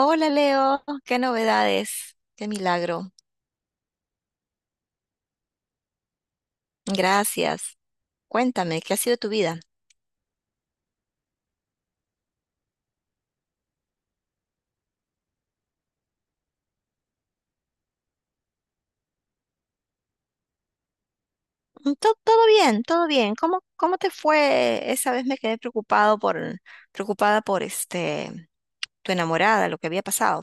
Hola Leo, qué novedades, qué milagro. Gracias. Cuéntame, ¿qué ha sido tu vida? Todo bien, todo bien. ¿Cómo te fue? Esa vez me quedé preocupado por, preocupada por tu enamorada, lo que había pasado.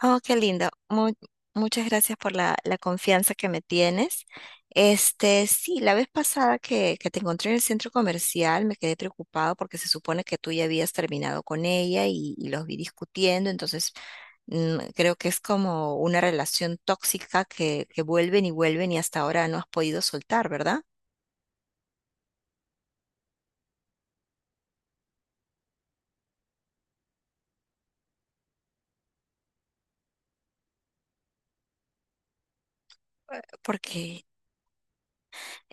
Oh, qué lindo. Muchas gracias por la confianza que me tienes. Este, sí, la vez pasada que te encontré en el centro comercial me quedé preocupado porque se supone que tú ya habías terminado con ella y los vi discutiendo, entonces creo que es como una relación tóxica que vuelven y vuelven y hasta ahora no has podido soltar, ¿verdad? Porque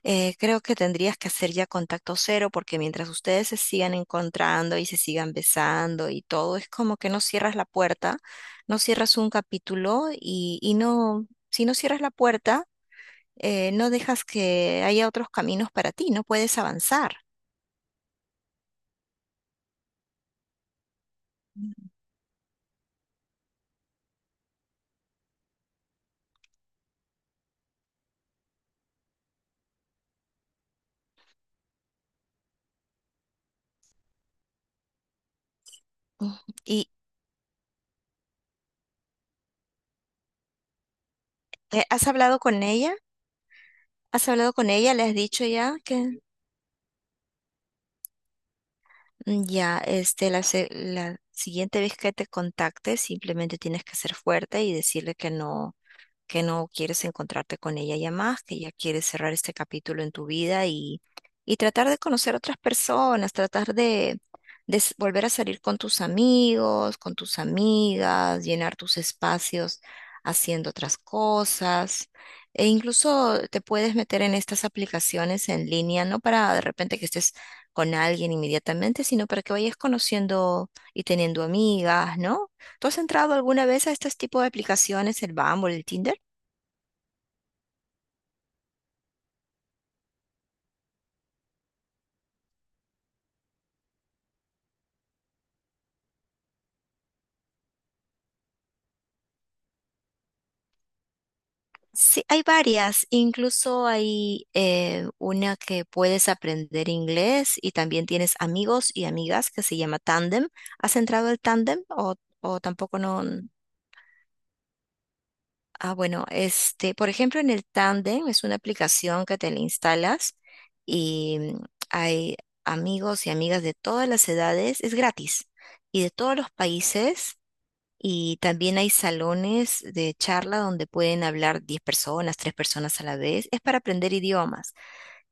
Creo que tendrías que hacer ya contacto cero porque mientras ustedes se sigan encontrando y se sigan besando y todo, es como que no cierras la puerta, no cierras un capítulo y no, si no cierras la puerta, no dejas que haya otros caminos para ti, no puedes avanzar. Mm. ¿Y has hablado con ella? ¿Has hablado con ella? ¿Le has dicho ya que ya, la siguiente vez que te contacte, simplemente tienes que ser fuerte y decirle que no, que no quieres encontrarte con ella ya más, que ya quieres cerrar este capítulo en tu vida y tratar de conocer otras personas, tratar de, volver a salir con tus amigos, con tus amigas, llenar tus espacios haciendo otras cosas. E incluso te puedes meter en estas aplicaciones en línea, no para de repente que estés con alguien inmediatamente, sino para que vayas conociendo y teniendo amigas, ¿no? ¿Tú has entrado alguna vez a este tipo de aplicaciones, el Bumble, el Tinder? Sí, hay varias, incluso hay una que puedes aprender inglés y también tienes amigos y amigas que se llama Tandem. ¿Has entrado al Tandem o tampoco no? Ah, bueno, este, por ejemplo, en el Tandem es una aplicación que te la instalas y hay amigos y amigas de todas las edades, es gratis y de todos los países y también hay salones de charla donde pueden hablar 10 personas, 3 personas a la vez. Es para aprender idiomas.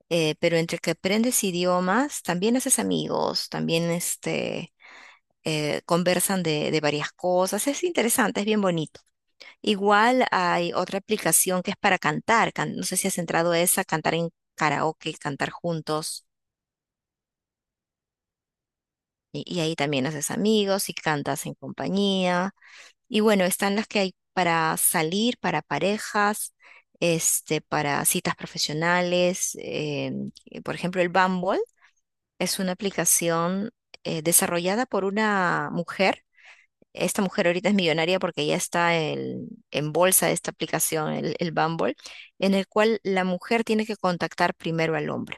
Pero entre que aprendes idiomas, también haces amigos, también conversan de varias cosas. Es interesante, es bien bonito. Igual hay otra aplicación que es para cantar. No sé si has entrado a esa, cantar en karaoke, cantar juntos. Y ahí también haces amigos y cantas en compañía. Y bueno, están las que hay para salir, para parejas, este, para citas profesionales. Por ejemplo, el Bumble es una aplicación desarrollada por una mujer. Esta mujer ahorita es millonaria porque ya está en bolsa esta aplicación, el Bumble, en el cual la mujer tiene que contactar primero al hombre.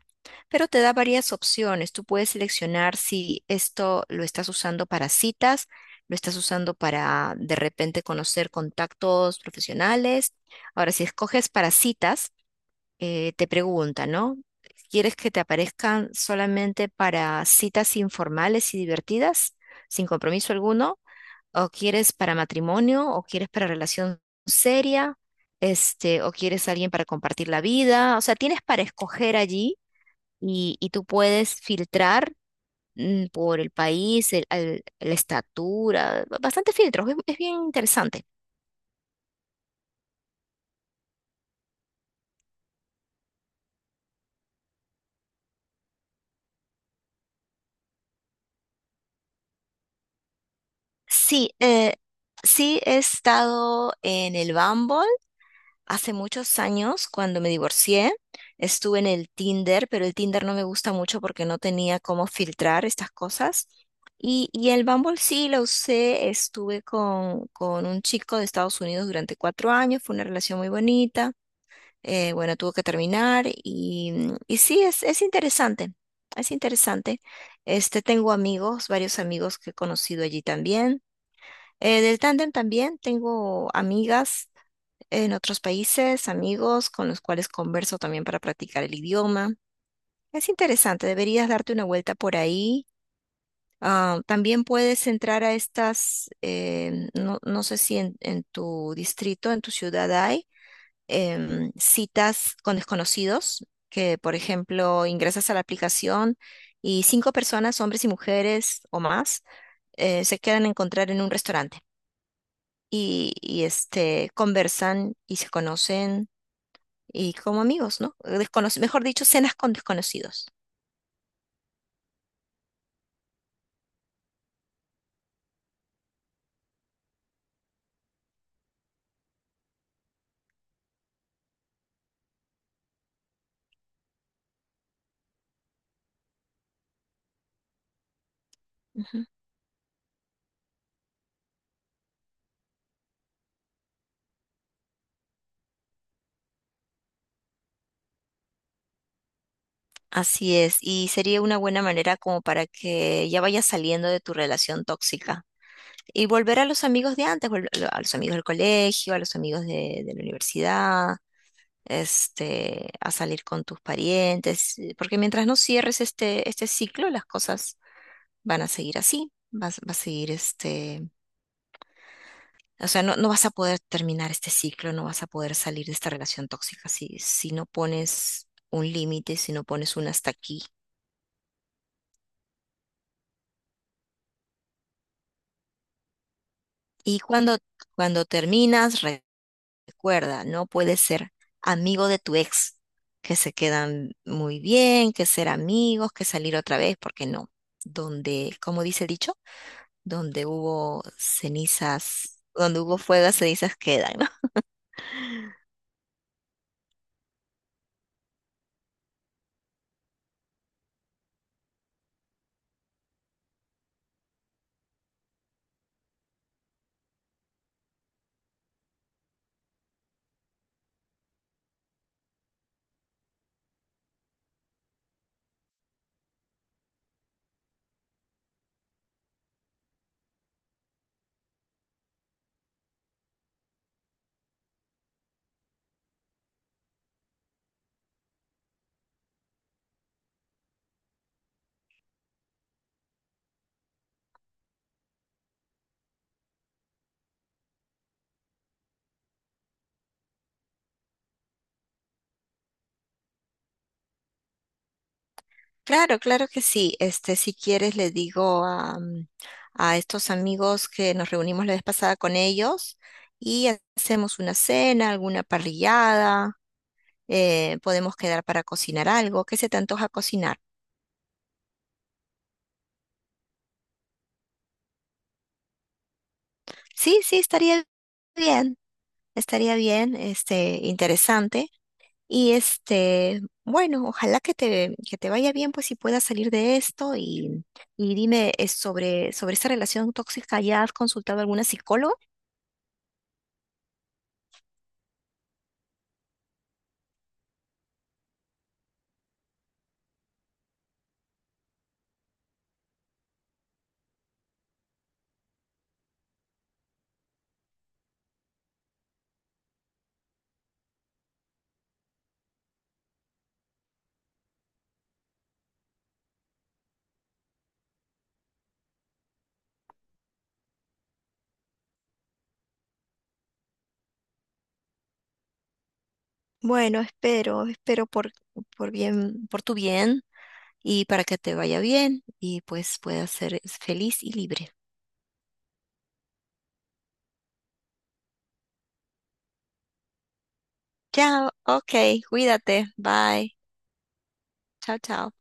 Pero te da varias opciones. Tú puedes seleccionar si esto lo estás usando para citas, lo estás usando para de repente conocer contactos profesionales. Ahora, si escoges para citas, te pregunta, ¿no? ¿Quieres que te aparezcan solamente para citas informales y divertidas, sin compromiso alguno? ¿O quieres para matrimonio, o quieres para relación seria, este, o quieres alguien para compartir la vida? O sea, tienes para escoger allí y tú puedes filtrar por el país, la estatura, bastante filtros, es bien interesante. Sí, sí he estado en el Bumble. Hace muchos años, cuando me divorcié, estuve en el Tinder, pero el Tinder no me gusta mucho porque no tenía cómo filtrar estas cosas. Y el Bumble sí lo usé, estuve con un chico de Estados Unidos durante 4 años, fue una relación muy bonita, bueno, tuvo que terminar y, y sí, es interesante, es interesante. Este, tengo amigos, varios amigos que he conocido allí también. Del tándem también tengo amigas en otros países, amigos con los cuales converso también para practicar el idioma. Es interesante, deberías darte una vuelta por ahí. Ah, también puedes entrar a estas, no, no sé si en tu distrito, en tu ciudad hay citas con desconocidos, que por ejemplo ingresas a la aplicación y 5 personas, hombres y mujeres o más, se quedan a encontrar en un restaurante y, este, conversan y se conocen y como amigos, ¿no? Mejor dicho, cenas con desconocidos. Ujú. Así es, y sería una buena manera como para que ya vayas saliendo de tu relación tóxica y volver a los amigos de antes, volver a los amigos del colegio, a los amigos de la universidad, este, a salir con tus parientes, porque mientras no cierres este, este ciclo, las cosas van a seguir así, vas, va a seguir este, o sea, no, no vas a poder terminar este ciclo, no vas a poder salir de esta relación tóxica si, si no pones un límite, si no pones un hasta aquí. Y cuando, cuando terminas, recuerda, no puedes ser amigo de tu ex, que se quedan muy bien, que ser amigos, que salir otra vez, porque no. Donde, como dice el dicho, donde hubo cenizas, donde hubo fuego, cenizas quedan. Claro, claro que sí. Este, si quieres, le digo a, a estos amigos que nos reunimos la vez pasada con ellos y hacemos una cena, alguna parrillada, podemos quedar para cocinar algo. ¿Qué se te antoja cocinar? Sí, sí, bien, estaría bien, este, interesante. Y este, bueno, ojalá que te vaya bien, pues, y puedas salir de esto. Y dime, sobre, sobre esa relación tóxica, ¿ya has consultado a alguna psicóloga? Bueno, espero, espero por bien, por tu bien y para que te vaya bien y pues puedas ser feliz y libre. Chao, ok, cuídate, bye, chao, chao.